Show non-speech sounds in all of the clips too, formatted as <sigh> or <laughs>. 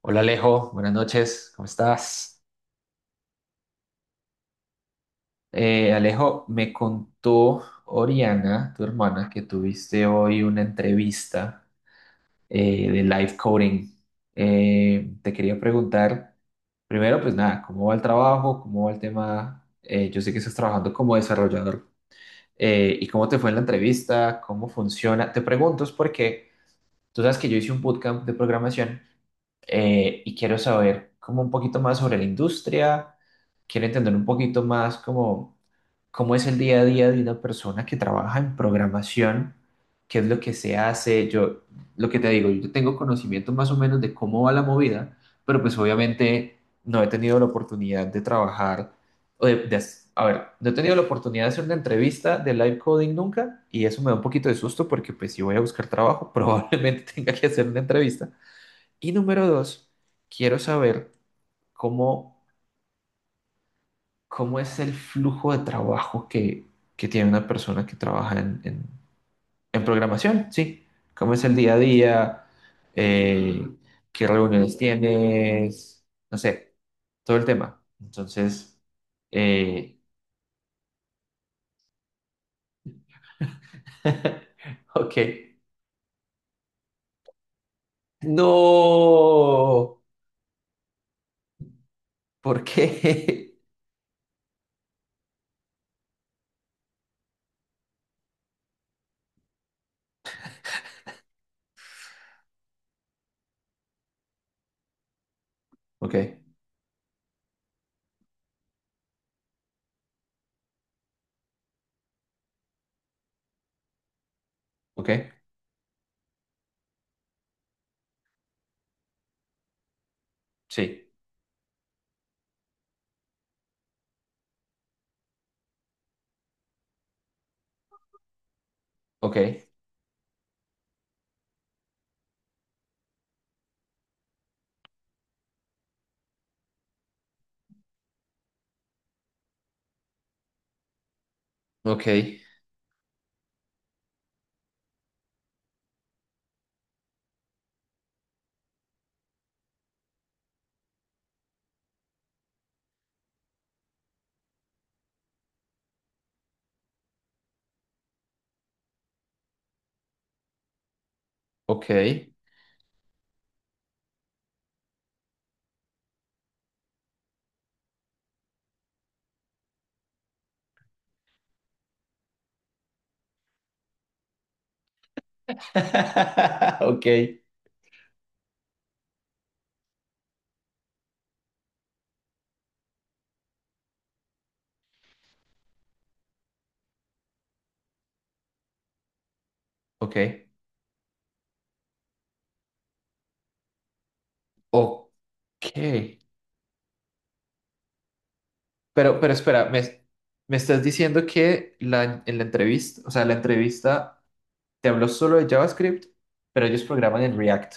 Hola Alejo, buenas noches, ¿cómo estás? Alejo, me contó Oriana, tu hermana, que tuviste hoy una entrevista de live coding. Te quería preguntar, primero, pues nada, ¿cómo va el trabajo? ¿Cómo va el tema? Yo sé que estás trabajando como desarrollador. ¿Y cómo te fue en la entrevista? ¿Cómo funciona? Te pregunto es porque tú sabes que yo hice un bootcamp de programación, y quiero saber como un poquito más sobre la industria, quiero entender un poquito más como cómo es el día a día de una persona que trabaja en programación, qué es lo que se hace. Yo, lo que te digo, yo tengo conocimiento más o menos de cómo va la movida, pero pues obviamente no he tenido la oportunidad de trabajar o de hac- a ver, no he tenido la oportunidad de hacer una entrevista de live coding nunca y eso me da un poquito de susto porque pues si voy a buscar trabajo <laughs> probablemente tenga que hacer una entrevista. Y número dos, quiero saber cómo, cómo es el flujo de trabajo que tiene una persona que trabaja en programación, ¿sí? ¿Cómo es el día a día? Eh, ¿qué reuniones tienes? No sé, todo el tema. Entonces, eh, <laughs> ok. No, ¿por qué? <laughs> Ok, ok, sí, ok, ok, ok, <laughs> ok. Ok, ok. Pero espera, me estás diciendo que en la entrevista, o sea, la entrevista te habló solo de JavaScript, pero ellos programan en React.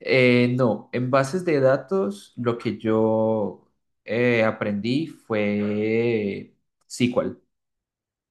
No, en bases de datos lo que yo aprendí fue SQL.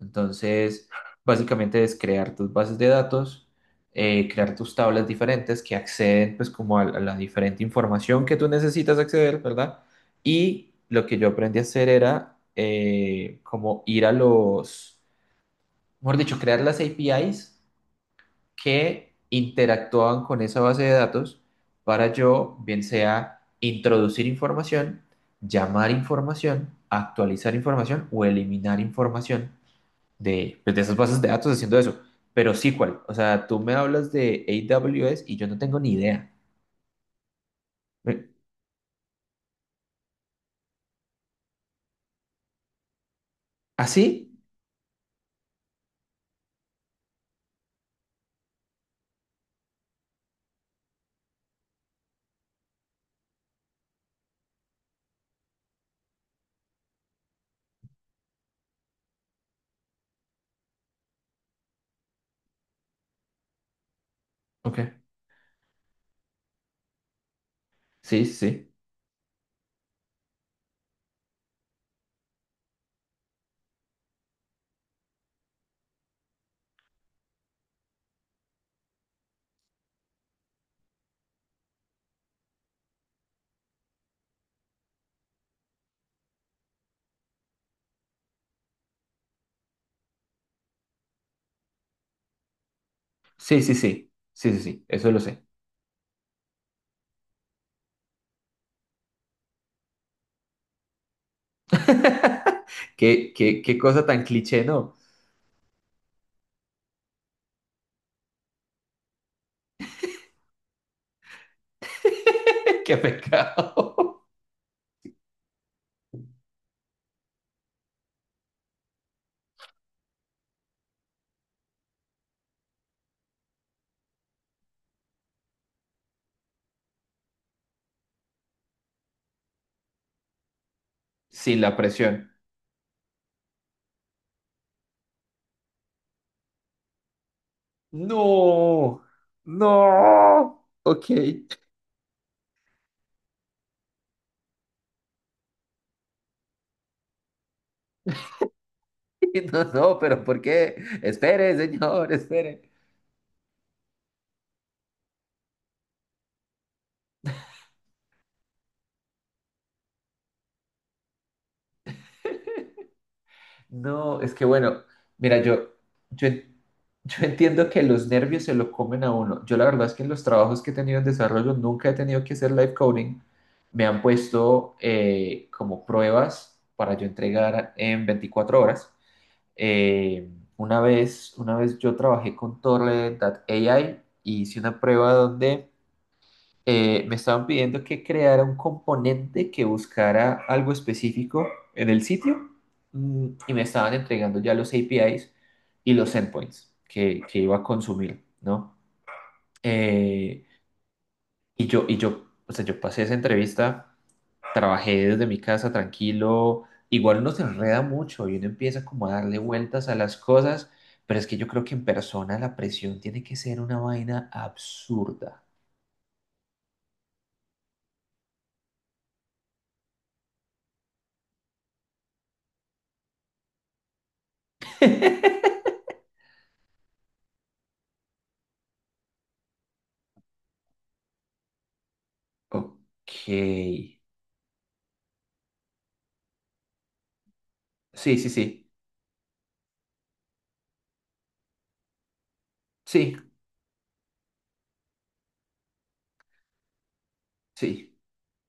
Entonces, básicamente es crear tus bases de datos, crear tus tablas diferentes que acceden pues como a la diferente información que tú necesitas acceder, ¿verdad? Y lo que yo aprendí a hacer era como ir a los, mejor dicho, crear las APIs que interactuaban con esa base de datos para yo, bien sea introducir información, llamar información, actualizar información o eliminar información de, pues, de esas bases de datos haciendo eso. Pero SQL, o sea, tú me hablas de AWS y yo no tengo ni idea. Me- ¿Ah, sí? Ok. Sí, sí. Sí, sí, sí. Sí, sí, sí. Eso lo sé. <laughs> Qué, qué, qué cosa tan cliché, ¿no? <laughs> Qué pecado. Sin la presión. No, no. Ok. <laughs> No, no, pero ¿por qué? Espere, señor, espere. No, es que bueno, mira, yo, yo, en- yo entiendo que los nervios se lo comen a uno. Yo la verdad es que en los trabajos que he tenido en desarrollo nunca he tenido que hacer live coding. Me han puesto como pruebas para yo entregar en 24 horas. Eh, una vez, una vez yo trabajé con Torrent.ai y hice una prueba donde me estaban pidiendo que creara un componente que buscara algo específico en el sitio, mm, y me estaban entregando ya los APIs y los endpoints que iba a consumir, ¿no? Eh, y yo, y yo, o sea, yo pasé esa entrevista, trabajé desde mi casa tranquilo, igual uno se enreda mucho y uno empieza como a darle vueltas a las cosas, pero es que yo creo que en persona la presión tiene que ser una vaina absurda. <laughs> Ok. Sí, sí, sí. Sí, sí.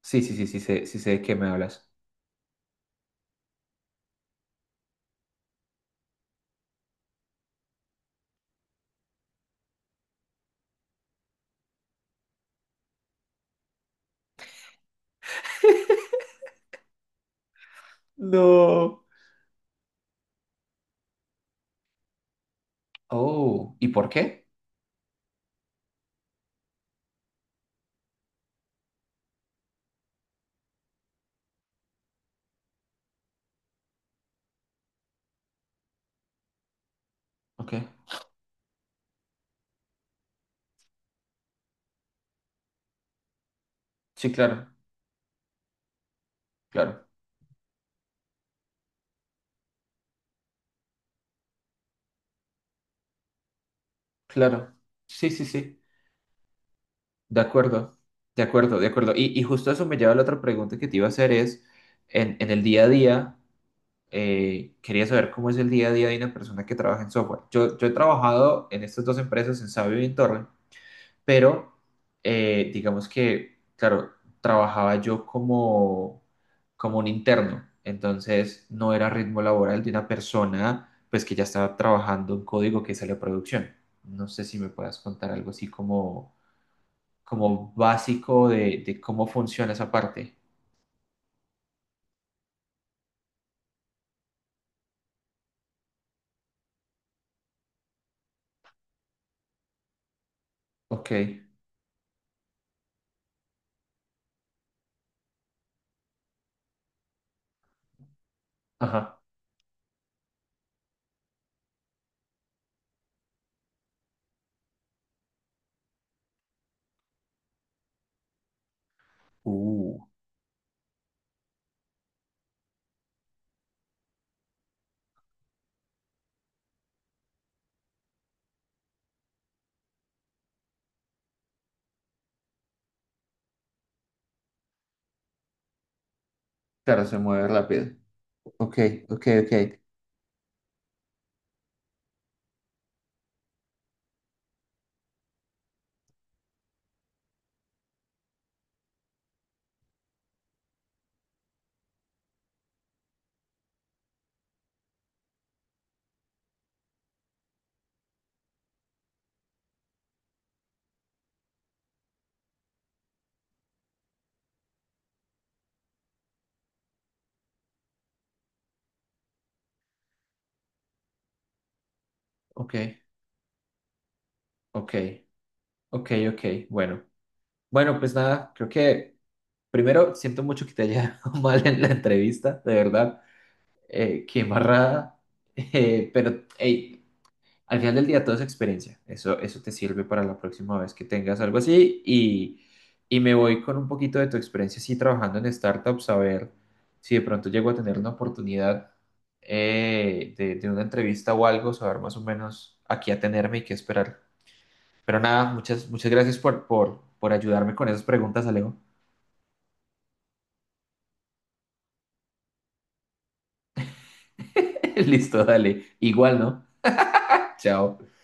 Sí, sí, sí, sí sé de qué me hablas. <laughs> No. Oh, ¿y por qué? Ok. Sí, claro, claro, claro. Sí, sí, sí. De acuerdo, de acuerdo, de acuerdo. Y justo eso me lleva a la otra pregunta que te iba a hacer es, en el día a día, quería saber cómo es el día a día de una persona que trabaja en software. Yo he trabajado en estas dos empresas, en Sabio y en Torrent, pero digamos que, claro, trabajaba yo como, como un interno, entonces no era ritmo laboral de una persona pues que ya estaba trabajando un código que sale a producción. No sé si me puedas contar algo así como, como básico de cómo funciona esa parte. Ok. Ajá, uh, claro, se mueve rápido. Ok, ok, ok. Ok, ok, ok, ok. Bueno, bueno, pues nada, creo que primero siento mucho que te haya <laughs> ido mal en la entrevista, de verdad, qué embarrada, <laughs> Pero hey, al final del día todo es experiencia, eso te sirve para la próxima vez que tengas algo así y me voy con un poquito de tu experiencia así trabajando en startups a ver si de pronto llego a tener una oportunidad de una entrevista o algo, saber más o menos a qué atenerme y qué esperar. Pero nada, muchas, muchas gracias por ayudarme con esas preguntas, Alejo. <laughs> Listo, dale. Igual, ¿no? Chao.